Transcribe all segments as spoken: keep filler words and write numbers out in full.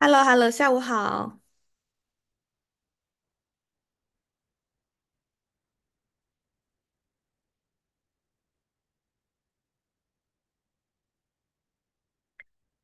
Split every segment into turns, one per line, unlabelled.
h e l l o h e l l o 下午好。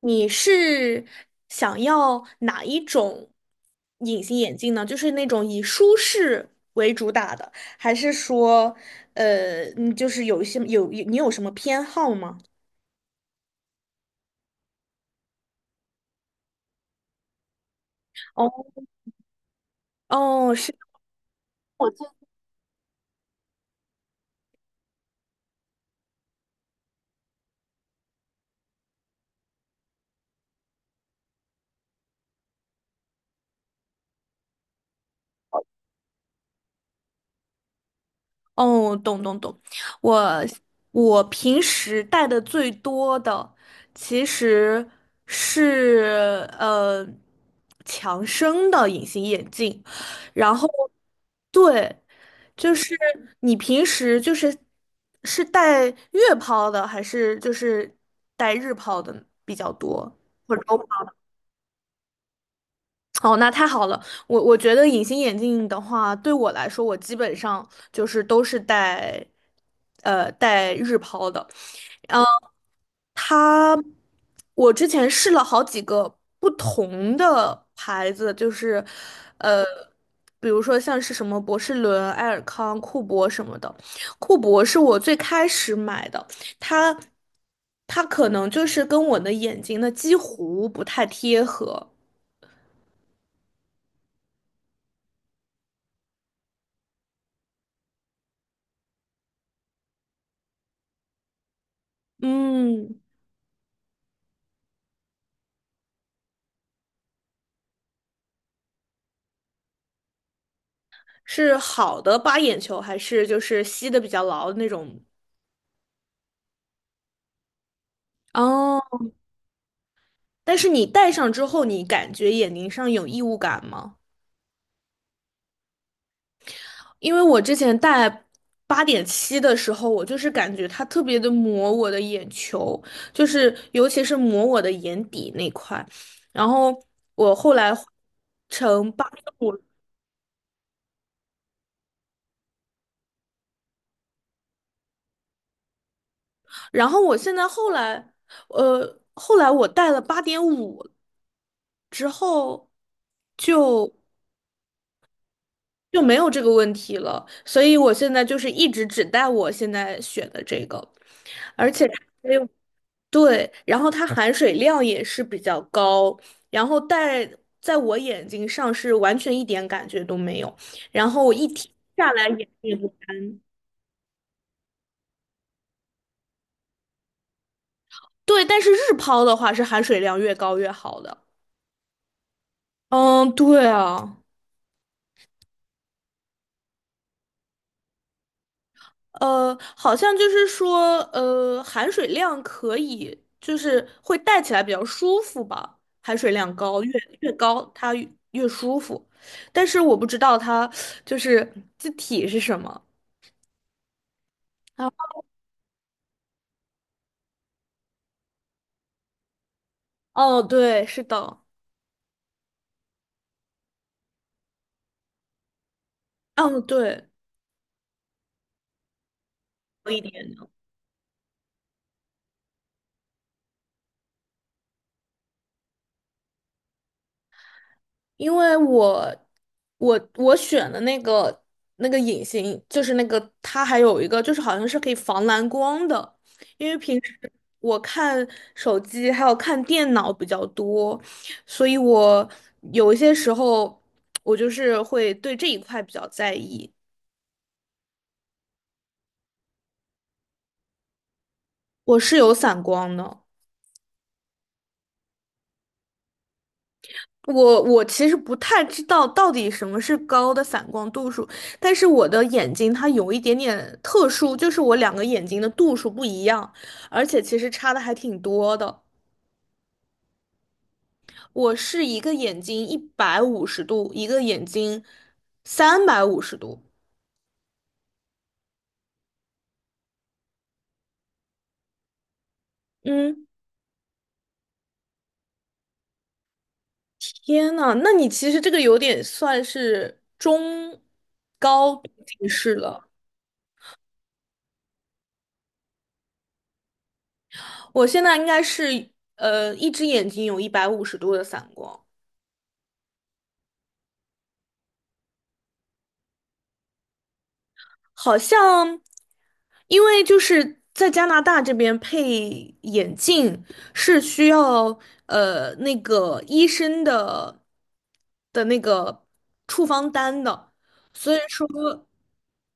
你是想要哪一种隐形眼镜呢？就是那种以舒适为主打的，还是说，呃，嗯就是有一些有你有什么偏好吗？哦哦，是。哦，懂懂懂，我我平时戴的最多的其实是呃强生的隐形眼镜，然后对，就是你平时就是是戴月抛的还是就是戴日抛的比较多，或者欧哦，那太好了。我我觉得隐形眼镜的话，对我来说，我基本上就是都是戴，呃，戴日抛的。嗯，它，我之前试了好几个不同的牌子，就是，呃，比如说像是什么博士伦、爱尔康、库博什么的。库博是我最开始买的，它，它可能就是跟我的眼睛的几乎不太贴合。嗯。是好的八眼球，还是就是吸的比较牢的那种？哦，但是你戴上之后，你感觉眼睛上有异物感吗？因为我之前戴八点七的时候，我就是感觉它特别的磨我的眼球，就是尤其是磨我的眼底那块。然后我后来换成八点五，然后我现在后来，呃，后来我戴了八点五之后就。就没有这个问题了，所以我现在就是一直只带我现在选的这个，而且它还有对，然后它含水量也是比较高，然后戴在我眼睛上是完全一点感觉都没有，然后我一天下来眼睛也不干。对，但是日抛的话是含水量越高越好的。嗯，对啊。呃，好像就是说，呃，含水量可以，就是会戴起来比较舒服吧。含水量高，越越高它越越舒服。但是我不知道它就是字体是什么。啊哦，对，是的，嗯，对，有一点。因为我我我选的那个那个隐形，就是那个它还有一个就是好像是可以防蓝光的，因为平时我看手机还有看电脑比较多，所以我有一些时候我就是会对这一块比较在意。我是有散光的。我我其实不太知道到底什么是高的散光度数，但是我的眼睛它有一点点特殊，就是我两个眼睛的度数不一样，而且其实差的还挺多的。我是一个眼睛一百五十度，一个眼睛三百五十度。嗯，天呐，那你其实这个有点算是中高近视了。我现在应该是呃一只眼睛有一百五十度的散光。好像，因为就是在加拿大这边配眼镜是需要呃那个医生的的那个处方单的，所以说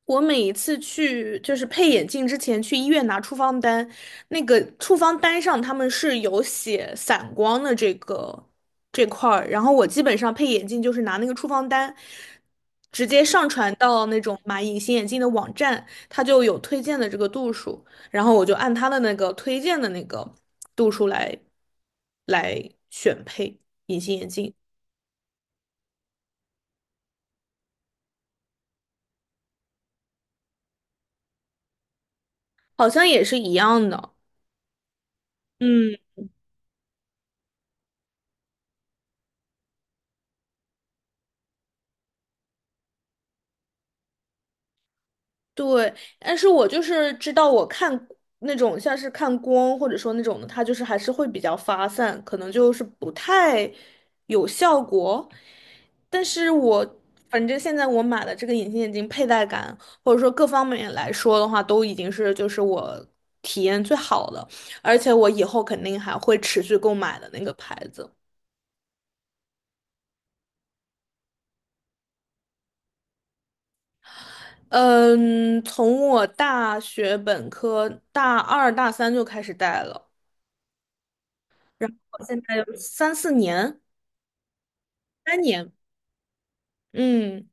我每一次去就是配眼镜之前去医院拿处方单，那个处方单上他们是有写散光的这个这块儿，然后我基本上配眼镜就是拿那个处方单，直接上传到那种买隐形眼镜的网站，它就有推荐的这个度数，然后我就按它的那个推荐的那个度数来来选配隐形眼镜，好像也是一样的。嗯。对，但是我就是知道，我看那种像是看光或者说那种的，它就是还是会比较发散，可能就是不太有效果。但是我反正现在我买的这个隐形眼镜佩戴感，或者说各方面来说的话，都已经是就是我体验最好的，而且我以后肯定还会持续购买的那个牌子。嗯，从我大学本科大二大三就开始戴了。然后现在有三四年，三年，嗯，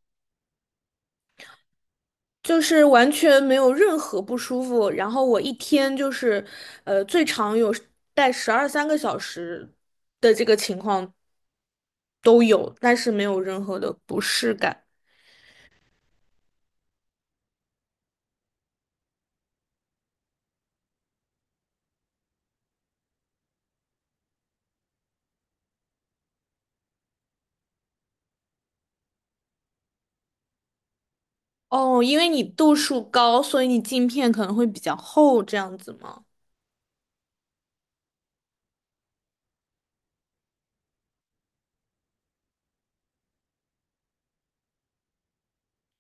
就是完全没有任何不舒服。然后我一天就是，呃，最长有带十二三个小时的这个情况都有，但是没有任何的不适感。哦，因为你度数高，所以你镜片可能会比较厚，这样子吗？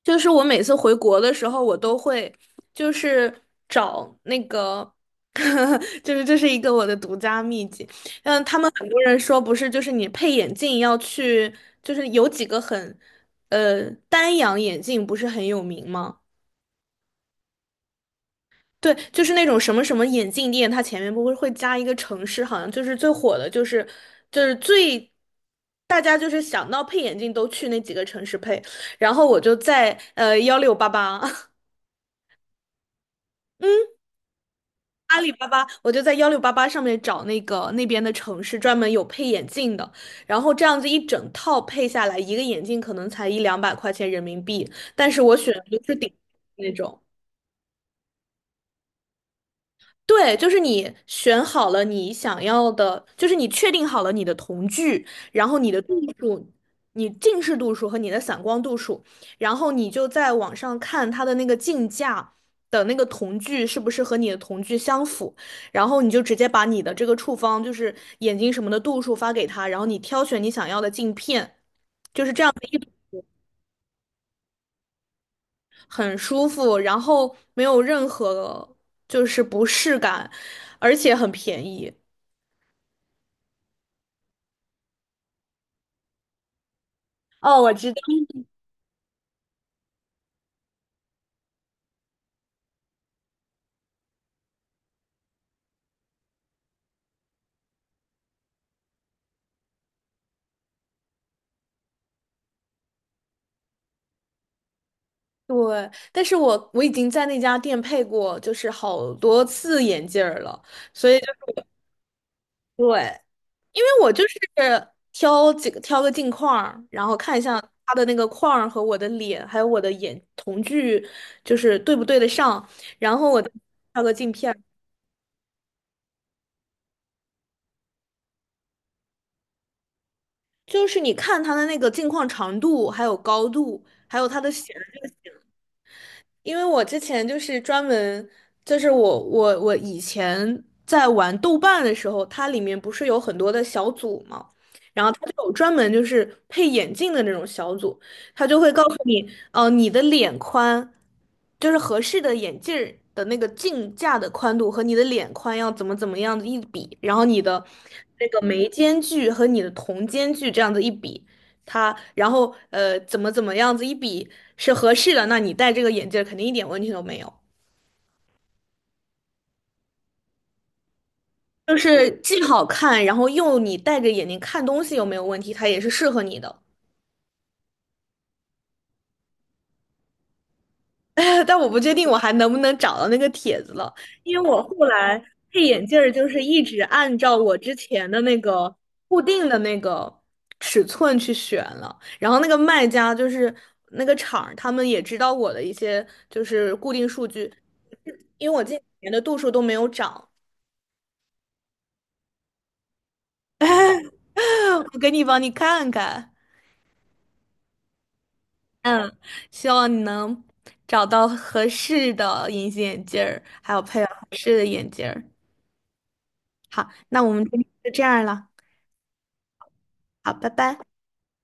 就是我每次回国的时候，我都会就是找那个，就是这是一个我的独家秘籍。嗯，他们很多人说不是，就是你配眼镜要去，就是有几个很，呃，丹阳眼镜不是很有名吗？对，就是那种什么什么眼镜店，它前面不会会加一个城市，好像就是最火的，就是就是最大家就是想到配眼镜都去那几个城市配。然后我就在呃幺六八八阿里巴巴，我就在幺六八八上面找那个那边的城市专门有配眼镜的，然后这样子一整套配下来，一个眼镜可能才一两百块钱人民币，但是我选的就是顶那种。对，就是你选好了你想要的，就是你确定好了你的瞳距，然后你的度数，你近视度数和你的散光度数，然后你就在网上看它的那个镜架的那个瞳距是不是和你的瞳距相符，然后你就直接把你的这个处方，就是眼睛什么的度数发给他，然后你挑选你想要的镜片，很舒服，然后没有任何就是不适感，而且很便宜。哦，我知道。对，但是我我已经在那家店配过，就是好多次眼镜儿了，所以就对，因为我就是挑几个挑个镜框儿然后看一下它的那个框儿和我的脸，还有我的眼瞳距，就是对不对得上，然后我再挑个镜片儿就是你看它的那个镜框长度，还有高度，还有它的显。因为我之前就是专门，就是我我我以前在玩豆瓣的时候，它里面不是有很多的小组嘛，然后它就有专门就是配眼镜的那种小组，它就会告诉你，呃，你的脸宽，就是合适的眼镜儿的那个镜架的宽度和你的脸宽要怎么怎么样子一比，然后你的那个眉间距和你的瞳间距这样子一比。它，然后呃怎么怎么样子一比是合适的，那你戴这个眼镜儿肯定一点问题都没有。就是既好看，然后又你戴着眼睛看东西又没有问题，它也是适合你的。但我不确定我还能不能找到那个帖子了，因为我后来配眼镜儿就是一直按照我之前的那个固定的那个尺寸去选了，然后那个卖家就是那个厂儿他们也知道我的一些就是固定数据，因为我近几年的度数都没有涨。我给你帮你看看，嗯，希望你能找到合适的隐形眼镜儿，还有配合合适的眼镜儿。好，那我们今天就这样了。好，拜拜。